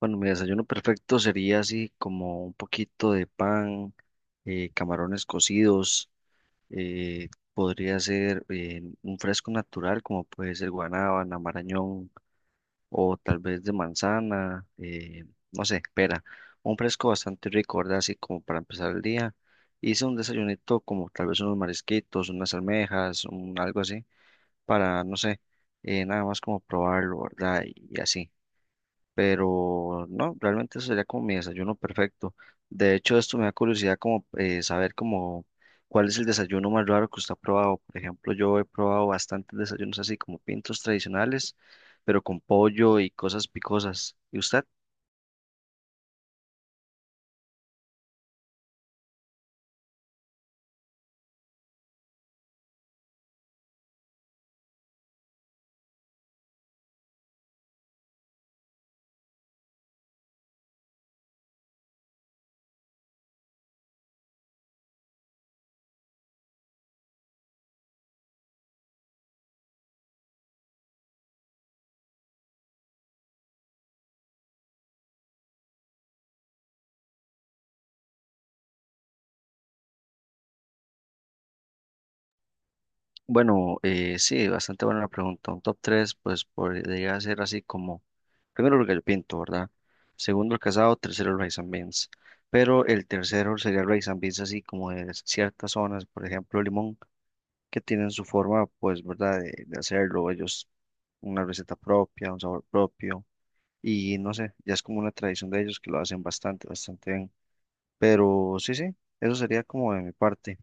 Bueno, mi desayuno perfecto sería así como un poquito de pan, camarones cocidos, eh, podría ser un fresco natural como puede ser guanábana, marañón o tal vez de manzana, no sé, pera. Un fresco bastante rico, ¿verdad? Así como para empezar el día. Hice un desayunito como tal vez unos marisquitos, unas almejas, un, algo así, para, no sé, nada más como probarlo, ¿verdad? y así, pero no, realmente eso sería como mi desayuno perfecto. De hecho, esto me da curiosidad como saber como cuál es el desayuno más raro que usted ha probado. Por ejemplo, yo he probado bastantes desayunos así como pintos tradicionales, pero con pollo y cosas picosas. ¿Y usted? Bueno, sí, bastante buena la pregunta. Un top 3 pues podría ser así como, primero el gallo pinto, ¿verdad? Segundo el casado, tercero el rice and beans. Pero el tercero sería el rice and beans así como de ciertas zonas, por ejemplo, Limón, que tienen su forma, pues, ¿verdad? De hacerlo, ellos una receta propia, un sabor propio, y no sé, ya es como una tradición de ellos que lo hacen bastante, bastante bien. Pero sí, sí, eso sería como de mi parte.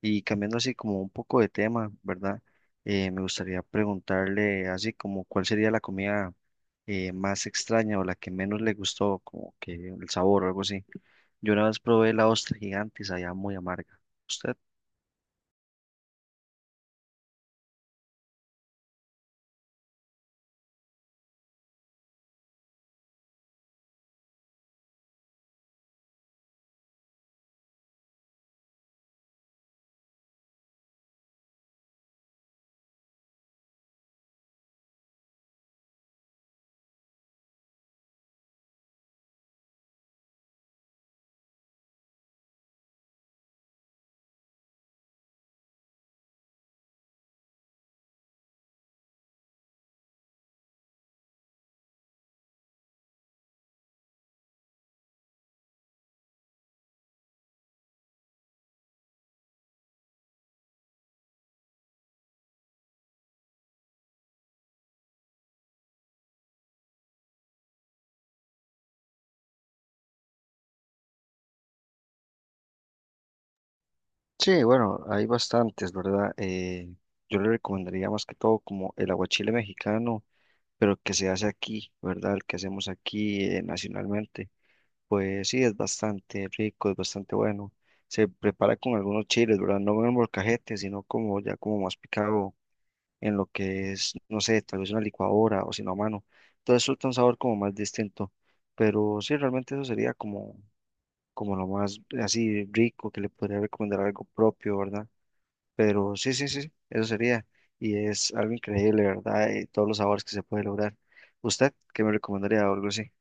Y cambiando así como un poco de tema, ¿verdad? Me gustaría preguntarle así como cuál sería la comida, más extraña o la que menos le gustó, como que el sabor o algo así. Yo una vez probé la ostra gigantes sabía muy amarga. ¿Usted? Sí, bueno, hay bastantes, ¿verdad? Yo le recomendaría más que todo como el aguachile mexicano, pero que se hace aquí, ¿verdad? El que hacemos aquí, nacionalmente. Pues sí, es bastante rico, es bastante bueno. Se prepara con algunos chiles, ¿verdad? No en el molcajete, sino como ya como más picado en lo que es, no sé, tal vez una licuadora o sino a mano. Entonces suelta un sabor como más distinto. Pero sí, realmente eso sería como, como lo más así rico que le podría recomendar algo propio, ¿verdad? Pero sí, sí, sí, eso sería. Y es algo increíble, ¿verdad? Y todos los sabores que se puede lograr. ¿Usted qué me recomendaría o algo así?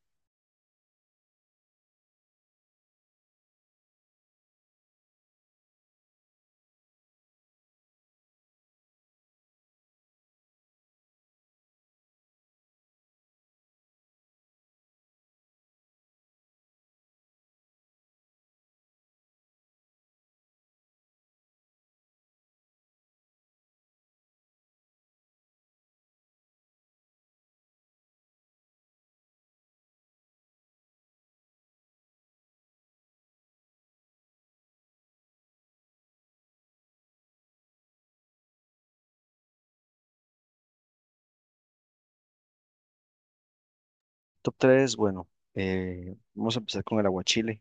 Top 3 bueno, vamos a empezar con el aguachile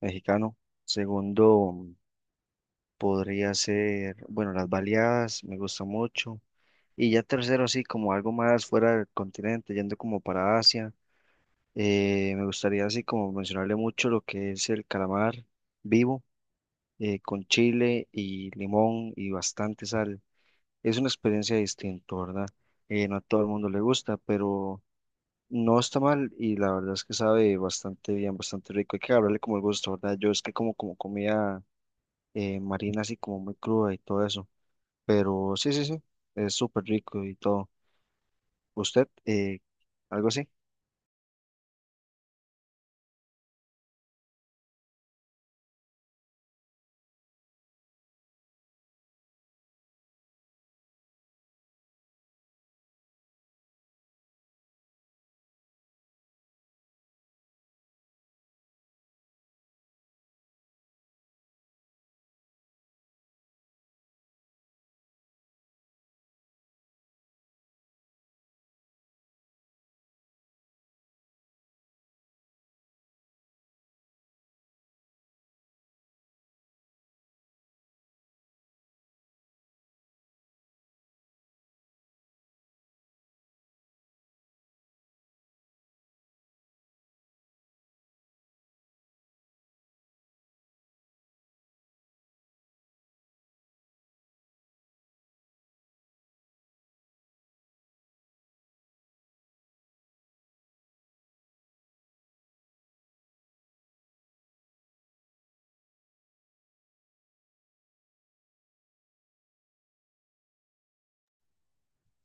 mexicano. Segundo, podría ser, bueno, las baleadas, me gusta mucho. Y ya tercero, así como algo más fuera del continente, yendo como para Asia. Me gustaría así como mencionarle mucho lo que es el calamar vivo, con chile y limón y bastante sal. Es una experiencia distinta, ¿verdad? No a todo el mundo le gusta, pero no está mal y la verdad es que sabe bastante bien, bastante rico. Hay que agarrarle como el gusto, ¿verdad? Yo es que como, como comida marina así como muy cruda y todo eso, pero sí, sí, sí, es súper rico y todo. ¿Usted, algo así?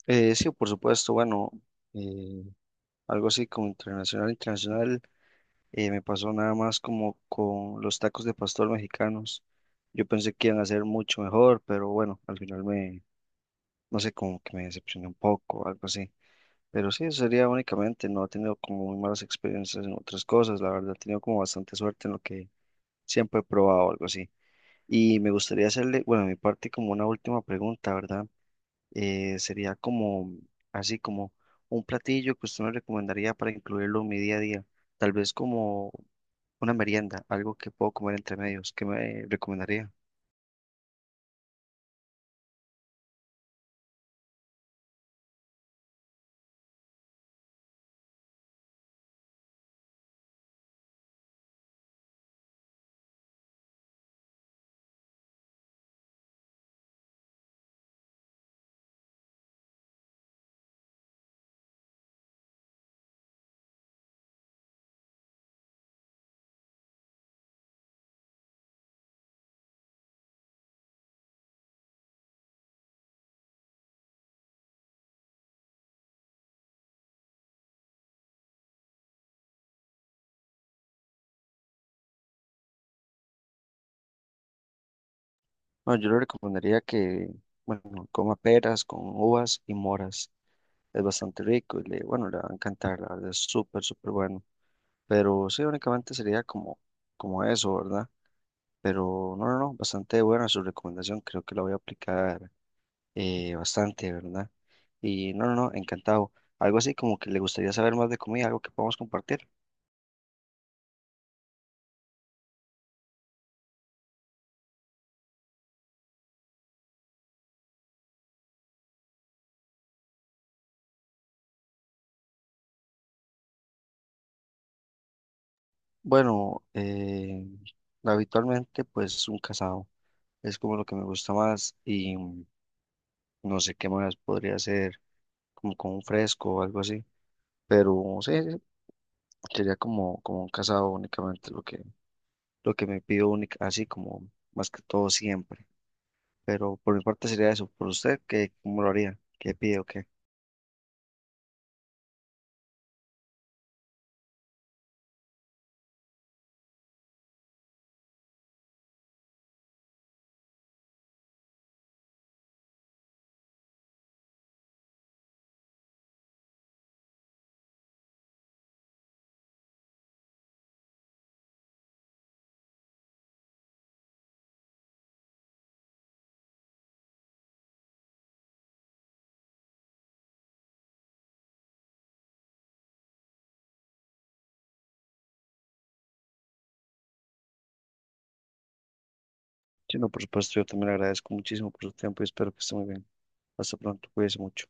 Sí, por supuesto, bueno, eh, algo así como internacional, internacional. Me pasó nada más como con los tacos de pastor mexicanos. Yo pensé que iban a ser mucho mejor, pero bueno, al final me, no sé, como que me decepcioné un poco algo así. Pero sí, eso sería únicamente, no he tenido como muy malas experiencias en otras cosas, la verdad, he tenido como bastante suerte en lo que siempre he probado, algo así. Y me gustaría hacerle, bueno, a mi parte como una última pregunta, ¿verdad? Sería como, así como un platillo que usted me recomendaría para incluirlo en mi día a día, tal vez como una merienda, algo que puedo comer entre medios, ¿qué me recomendaría? No, yo le recomendaría que, bueno, coma peras con uvas y moras, es bastante rico y le, bueno, le va a encantar, la verdad es súper, súper bueno, pero sí, únicamente sería como, como eso, ¿verdad? Pero no, no, no, bastante buena su recomendación, creo que la voy a aplicar bastante, ¿verdad? Y no, no, no, encantado. Algo así como que le gustaría saber más de comida, algo que podamos compartir. Bueno, habitualmente pues un casado es como lo que me gusta más y mm, no sé qué más podría hacer como con un fresco o algo así. Pero sí, sí, sería como, como un casado únicamente lo que me pido única, así como más que todo siempre. Pero por mi parte sería eso. ¿Por usted qué, cómo lo haría? ¿Qué pide o qué? Sí, no, por supuesto, yo también le agradezco muchísimo por su tiempo y espero que esté muy bien. Hasta pronto, cuídese mucho.